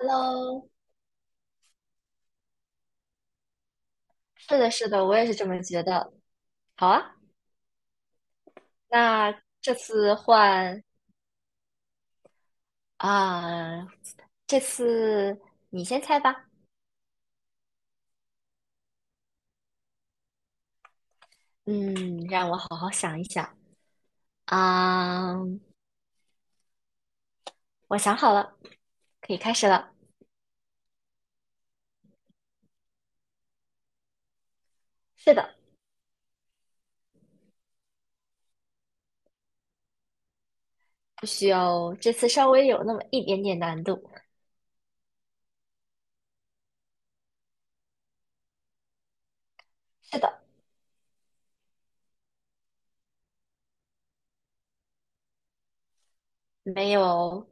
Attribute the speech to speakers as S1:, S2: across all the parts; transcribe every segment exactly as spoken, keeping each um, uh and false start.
S1: Hello，是的，是的，我也是这么觉得。好啊，那这次换啊，这次你先猜吧。嗯，让我好好想一想啊，我想好了，可以开始了。是的，不需要，这次稍微有那么一点点难度。是的，没有，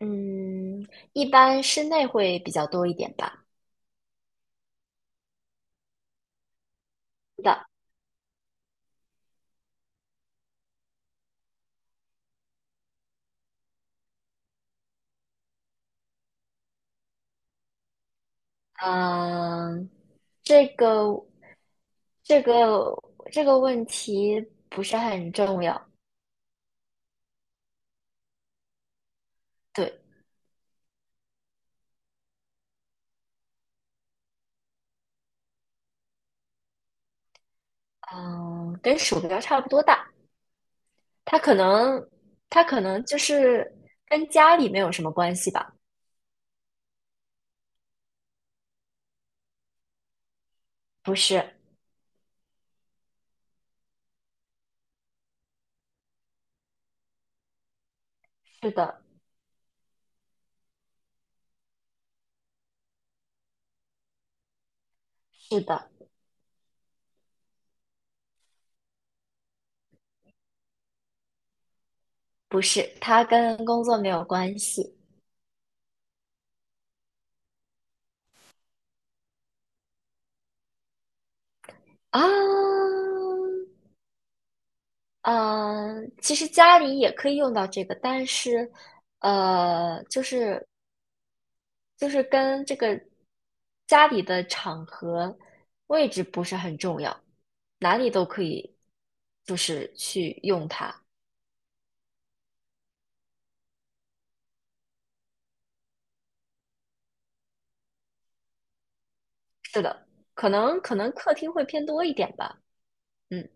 S1: 嗯，一般室内会比较多一点吧。是的，嗯，这个这个这个问题不是很重要，对，嗯，跟鼠标差不多大，它可能它可能就是跟家里没有什么关系吧？不是，是的，是的，不是，它跟工作没有关系啊，嗯，其实家里也可以用到这个，但是呃，就是就是跟这个家里的场合、位置不是很重要，哪里都可以，就是去用它。是的，可能可能客厅会偏多一点吧。嗯，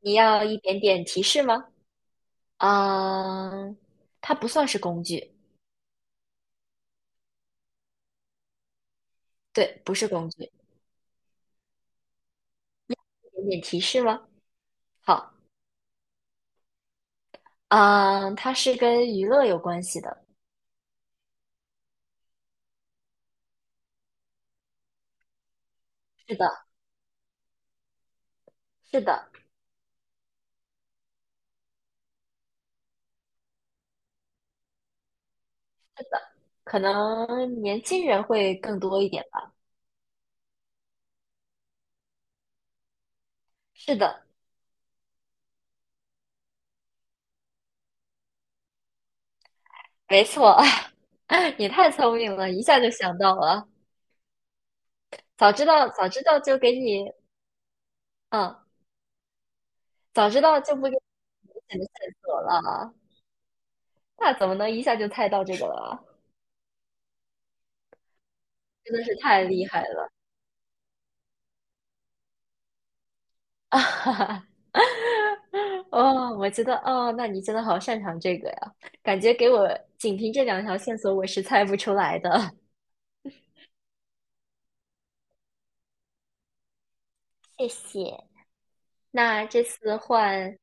S1: 你要一点点提示吗？嗯，它不算是工具，对，不是工具，一点点提示吗？好，嗯，它是跟娱乐有关系的。是的，是的，可能年轻人会更多一点吧。是的，没错，你太聪明了，一下就想到了。早知道，早知道就给你，嗯，早知道就不给你明显的线索了。那怎么能一下就猜到这个了？真的是太厉害了！啊！哦，我觉得，哦，那你真的好擅长这个呀，感觉给我仅凭这两条线索，我是猜不出来的。谢谢。那这次换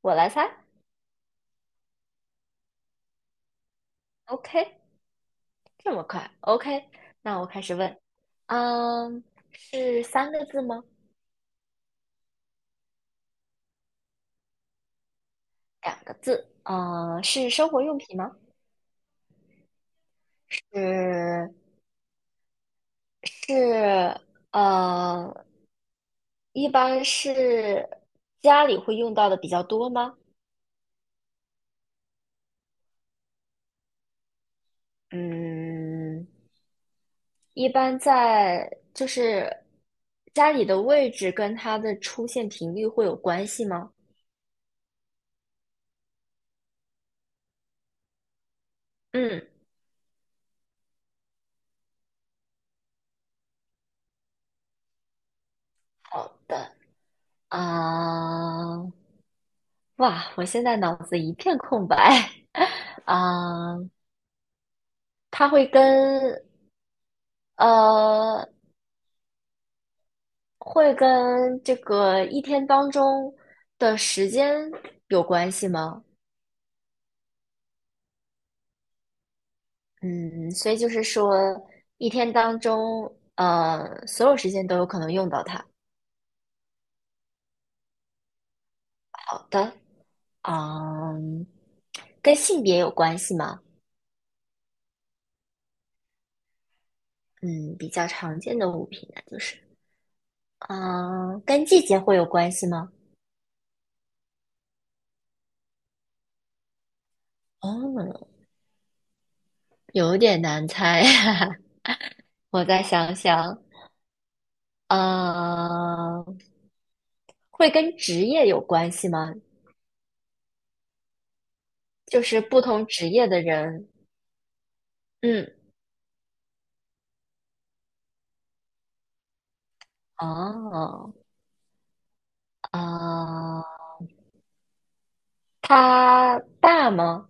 S1: 我来猜，OK。这么快？OK，那我开始问。嗯，是三个字吗？两个字。呃，是生活用品吗？是是呃，一般是家里会用到的比较多吗？嗯，一般在就是家里的位置跟它的出现频率会有关系吗？嗯，好的。啊、哇，我现在脑子一片空白。啊、它会跟呃，会跟这个一天当中的时间有关系吗？嗯，所以就是说，一天当中，呃，所有时间都有可能用到它。好的，嗯，跟性别有关系吗？嗯，比较常见的物品那就是，嗯，跟季节会有关系吗？哦，有点难猜，我再想想，嗯。会跟职业有关系吗？就是不同职业的人，嗯，哦，啊，它大吗？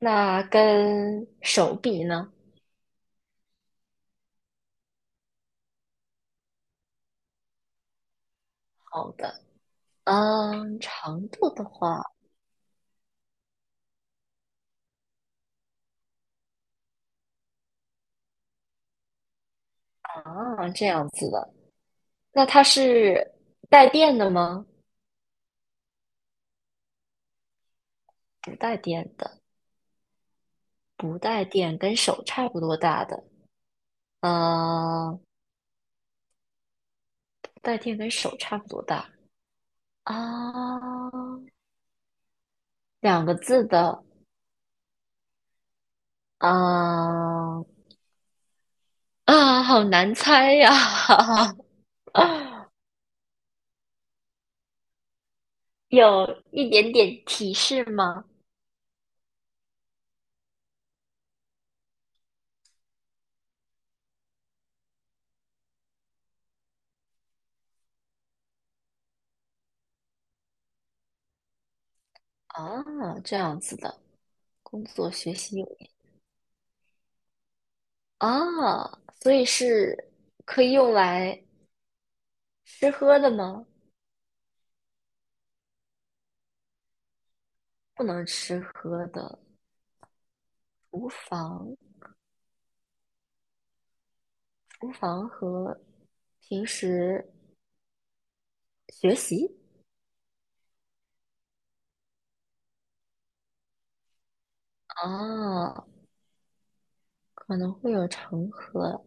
S1: 那跟手比呢？好的，嗯，长度的话，啊，这样子的，那它是带电的吗？不带电的，不带电，跟手差不多大的，呃，不带电跟手差不多大啊，两个字的，啊，啊，好难猜呀、有一点点提示吗？啊，这样子的，工作学习有啊，所以是可以用来吃喝的吗？不能吃喝的，厨房，厨房和平时学习啊，可能会有成盒，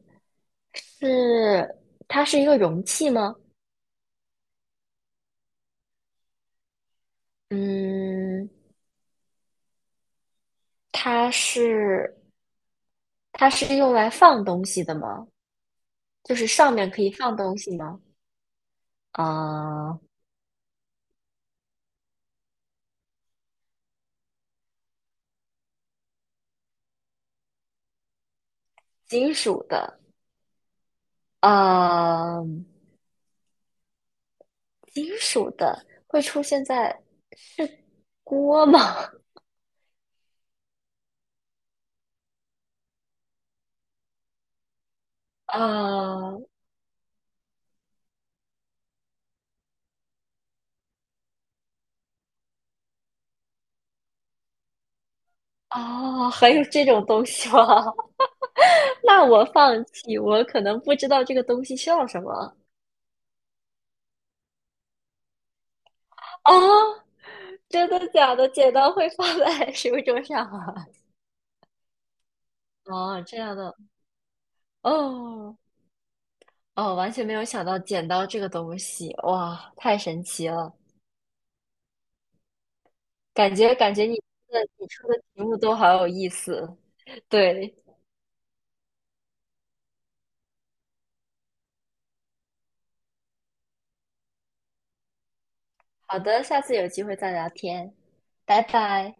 S1: 是它是一个容器吗？嗯，它是它是用来放东西的吗？就是上面可以放东西吗？啊、金属的，啊、金属的会出现在锅吗？啊、哦，还有这种东西吗？那我放弃，我可能不知道这个东西叫什么啊、真的假的？剪刀会放在 食物桌上啊？哦，这样的，哦哦，完全没有想到剪刀这个东西，哇，太神奇了。感觉感觉你的你出的题目都好有意思。对，好的，下次有机会再聊天，拜拜。